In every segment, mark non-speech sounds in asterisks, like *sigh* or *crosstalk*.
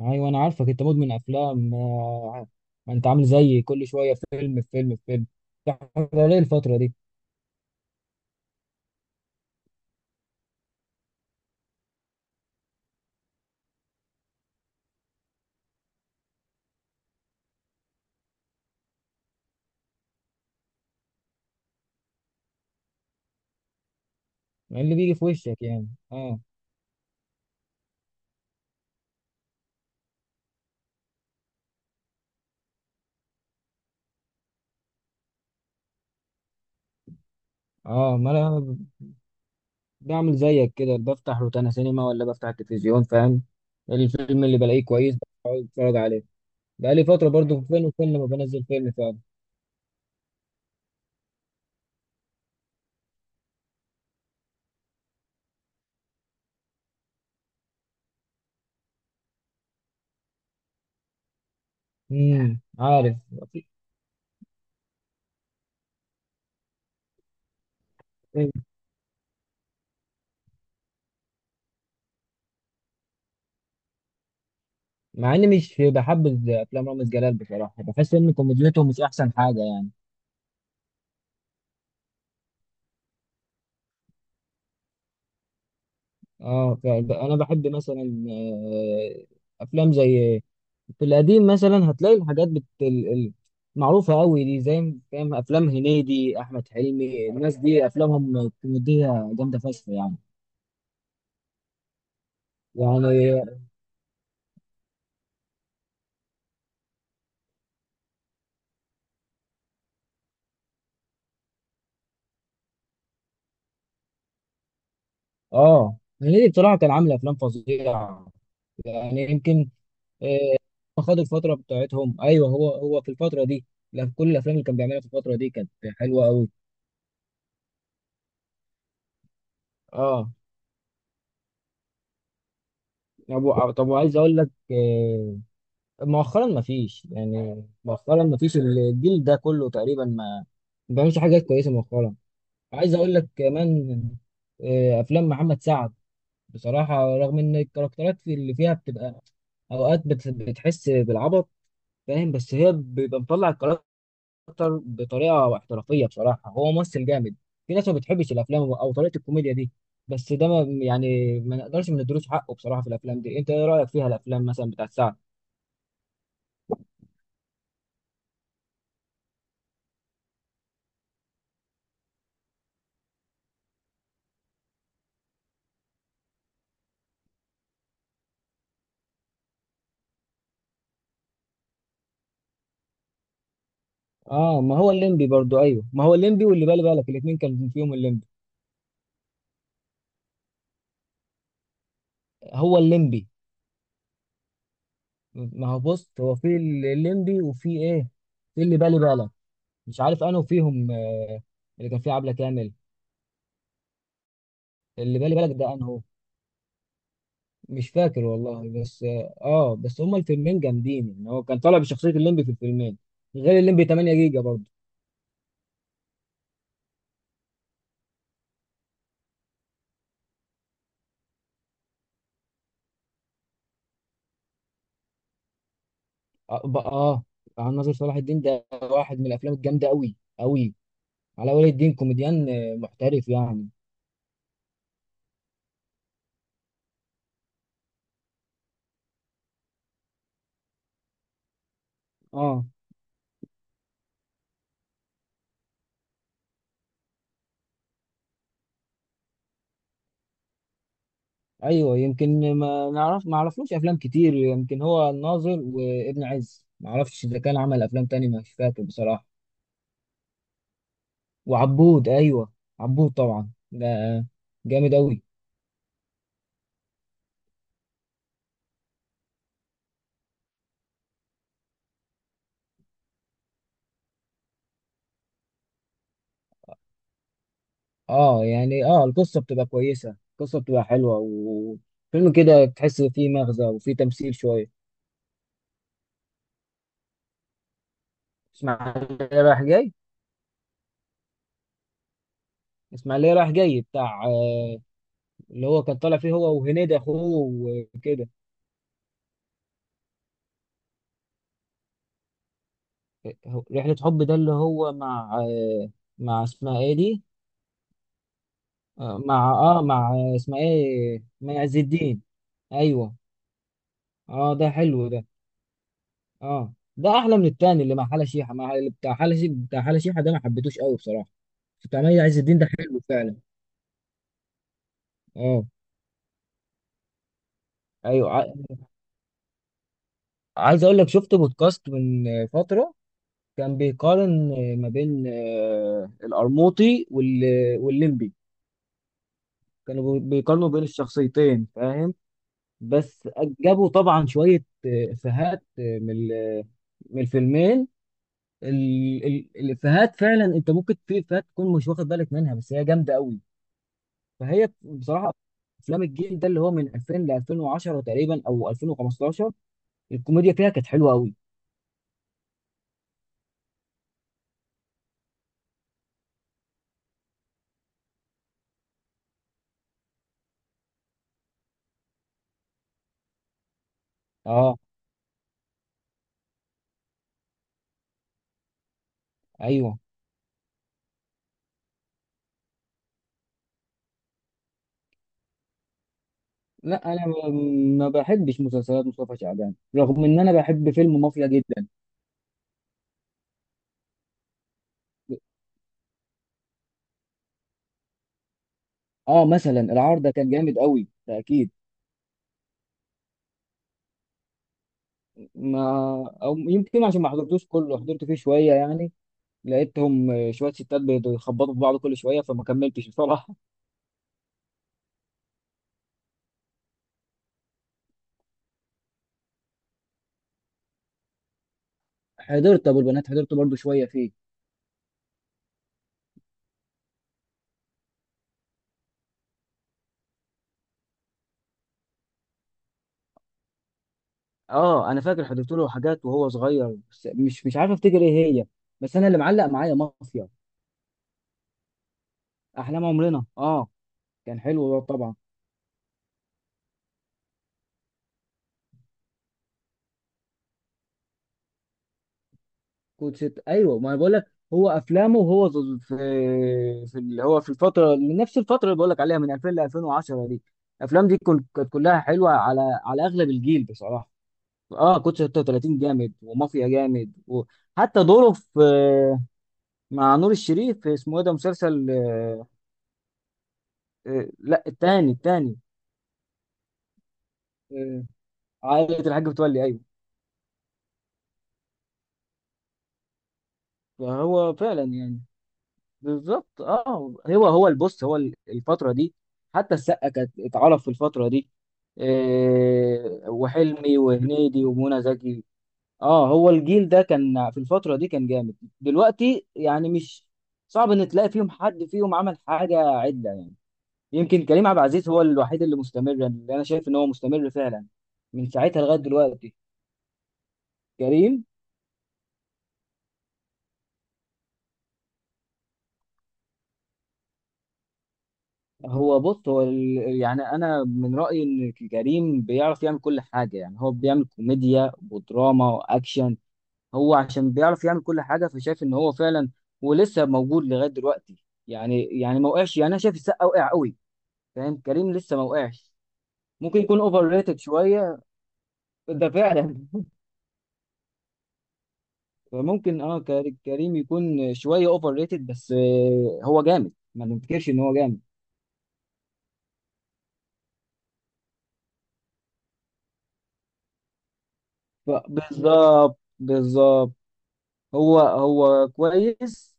ايوه انا عارفك، انت مدمن افلام ما انت عامل زيي، كل شويه فيلم في فيلم. بتحضر ايه الفتره دي؟ إيه اللي بيجي في وشك يعني؟ اه اه ما انا بعمل زيك كده، بفتح روتانا سينما ولا بفتح التلفزيون فاهم. الفيلم اللي بلاقيه كويس بقعد اتفرج عليه. بقالي فتره برضو فين وفين لما بنزل فيلم فعلا. عارف. مع اني مش بحب افلام رامز جلال بصراحه، بحس ان كوميديته مش احسن حاجه. اه فانا بحب مثلا افلام زي في القديم مثلا، هتلاقي الحاجات معروفة قوي دي، زي فاهم افلام هنيدي، احمد حلمي، الناس دي افلامهم كوميدية جامدة فشخ يعني. يعني اه هنيدي بصراحة كان عامل افلام فظيعة يعني. يمكن آه، خد الفترة بتاعتهم، ايوه هو في الفترة دي. لا، كل الافلام اللي كان بيعملها في الفترة دي كانت حلوة قوي اه. طب وعايز اقول لك، مؤخرا ما فيش، يعني مؤخرا ما فيش، الجيل ده كله تقريبا ما بيعملش حاجات كويسه مؤخرا. عايز اقول لك كمان، افلام محمد سعد بصراحه، رغم ان الكاركترات في اللي فيها بتبقى اوقات بتحس بالعبط فاهم، بس هي بيبقى مطلع الكاركتر بطريقه احترافيه. بصراحه هو ممثل جامد. في ناس ما بتحبش الافلام او طريقه الكوميديا دي، بس ده ما يعني ما نقدرش ما ندروش حقه بصراحه في الافلام دي. انت ايه رايك فيها الافلام مثلا بتاعت سعد؟ اه ما هو الليمبي برضو، ايوه ما هو الليمبي واللي بالي بالك الاثنين كان فيهم الليمبي. هو الليمبي، ما هو بص هو في الليمبي وفي ايه، في اللي بالي بالك. مش عارف انه فيهم آه، اللي كان فيه عبلة كامل. اللي بالي بالك ده انه مش فاكر والله، بس اه بس هما الفيلمين جامدين يعني، هو كان طالع بشخصية الليمبي في الفيلمين. غير الليمبي 8 جيجا برضو. اه, ب- آه عن ناصر صلاح الدين، ده واحد من الافلام الجامدة قوي قوي. على ولي الدين كوميديان محترف يعني. اه ايوه يمكن ما نعرف ما عرفلوش افلام كتير، يمكن هو الناظر وابن عز، ما اعرفش اذا كان عمل افلام تانية، مش فاكر بصراحه. وعبود ايوه، عبود طبعا ده جامد اوي. اه يعني اه القصه بتبقى كويسه، القصه بتبقى حلوه، وفيلم كده تحس فيه مغزى وفيه تمثيل شويه. اسماعيليه رايح جاي، اسماعيليه رايح جاي بتاع آه، اللي هو كان طالع فيه هو وهنيدي اخوه وكده. رحله حب ده اللي هو مع آه مع اسمها ايه دي، مع اه مع اسمها ايه، مع عز الدين. ايوه اه، ده حلو ده. اه ده احلى من التاني اللي مع حلا شيحه، بتاع حلا شيحه ده ما حبيتهوش قوي بصراحه. بتاع مي عز الدين ده حلو فعلا. اه ايوه عايز اقول لك، شفت بودكاست من فتره كان بيقارن ما بين القرموطي والليمبي. كانوا بيقارنوا بين الشخصيتين فاهم. بس جابوا طبعا شويه افيهات من الفيلمين. الافيهات فعلا، انت ممكن في افيهات تكون مش واخد بالك منها بس هي جامده قوي. فهي بصراحه افلام الجيل ده اللي هو من 2000 ل 2010 تقريبا او 2015 الكوميديا فيها كانت حلوه قوي اه ايوه. لا انا ما بحبش مسلسلات مصطفى شعبان، رغم ان انا بحب فيلم مافيا جدا. اه مثلا العار ده كان جامد قوي ده اكيد. ما او يمكن عشان ما حضرتوش كله، حضرت فيه شويه يعني، لقيتهم شويه ستات بيخبطوا في بعض كل شويه فما كملتش بصراحه. حضرت ابو البنات، حضرته برضو شويه فيه. اه انا فاكر حضرت له حاجات وهو صغير، بس مش عارف افتكر ايه هي. بس انا اللي معلق معايا مافيا. احلام عمرنا اه، كان حلو برضه طبعا. كود ست ايوه، ما انا بقول لك هو افلامه وهو في في اللي هو في الفتره، من نفس الفتره اللي بقول لك عليها من 2000 ل 2010 دي، الافلام دي كانت كلها حلوه على على اغلب الجيل بصراحه. اه كود 36 جامد، ومافيا جامد، وحتى دوره في مع نور الشريف في اسمه ايه ده مسلسل، لا التاني إيه. عائلة الحاج متولي أيوه. فهو فعلا يعني بالظبط اه، هو البص هو الفترة دي، حتى السقا كانت اتعرف في الفترة دي، إيه وحلمي وهنيدي ومنى زكي. اه هو الجيل ده كان في الفترة دي كان جامد. دلوقتي يعني مش، صعب ان تلاقي فيهم حد فيهم عمل حاجة عدلة يعني. يمكن كريم عبد العزيز هو الوحيد اللي مستمر، اللي انا شايف ان هو مستمر فعلا من ساعتها لغاية دلوقتي. كريم هو بص هو يعني انا من رايي ان كريم بيعرف يعمل كل حاجه، يعني هو بيعمل كوميديا ودراما واكشن. هو عشان بيعرف يعمل كل حاجه، فشايف ان هو فعلا ولسه موجود لغايه دلوقتي يعني. يعني ما وقعش، يعني انا شايف السقا وقع قوي فاهم، كريم لسه ما وقعش. ممكن يكون اوفر ريتد شويه ده فعلا. *laughs* فممكن اه، كريم يكون شويه اوفر ريتد، بس هو جامد ما ننكرش ان هو جامد. بالظبط بالظبط، هو كويس،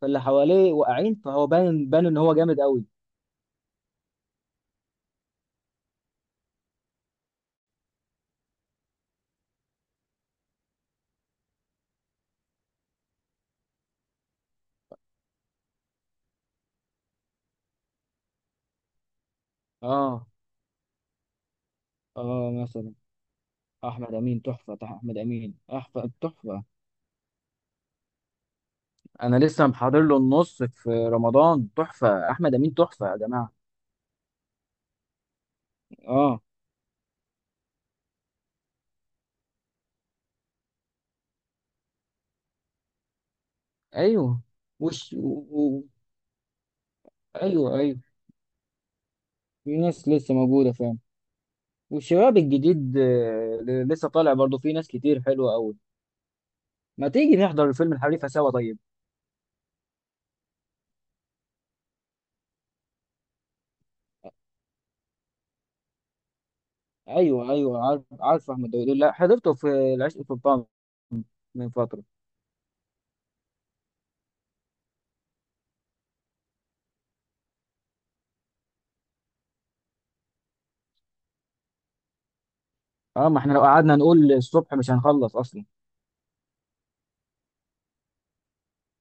فاللي حواليه واقعين فهو بان ان هو جامد قوي. اه اه مثلا احمد امين تحفه، احمد امين تحفه تحفه. انا لسه محضر له النص في رمضان، تحفه احمد امين تحفه يا جماعه. اه ايوه وش و... و... ايوه ايوه في ناس لسه موجوده فعلا. والشباب الجديد لسه طالع برضه، في ناس كتير حلوه قوي. ما تيجي نحضر الفيلم الحريفه سوا طيب. ايوه ايوه عارف عارف احمد داوود، لا حضرته في العشق في من فترة. اه ما احنا لو قعدنا نقول الصبح مش هنخلص اصلا.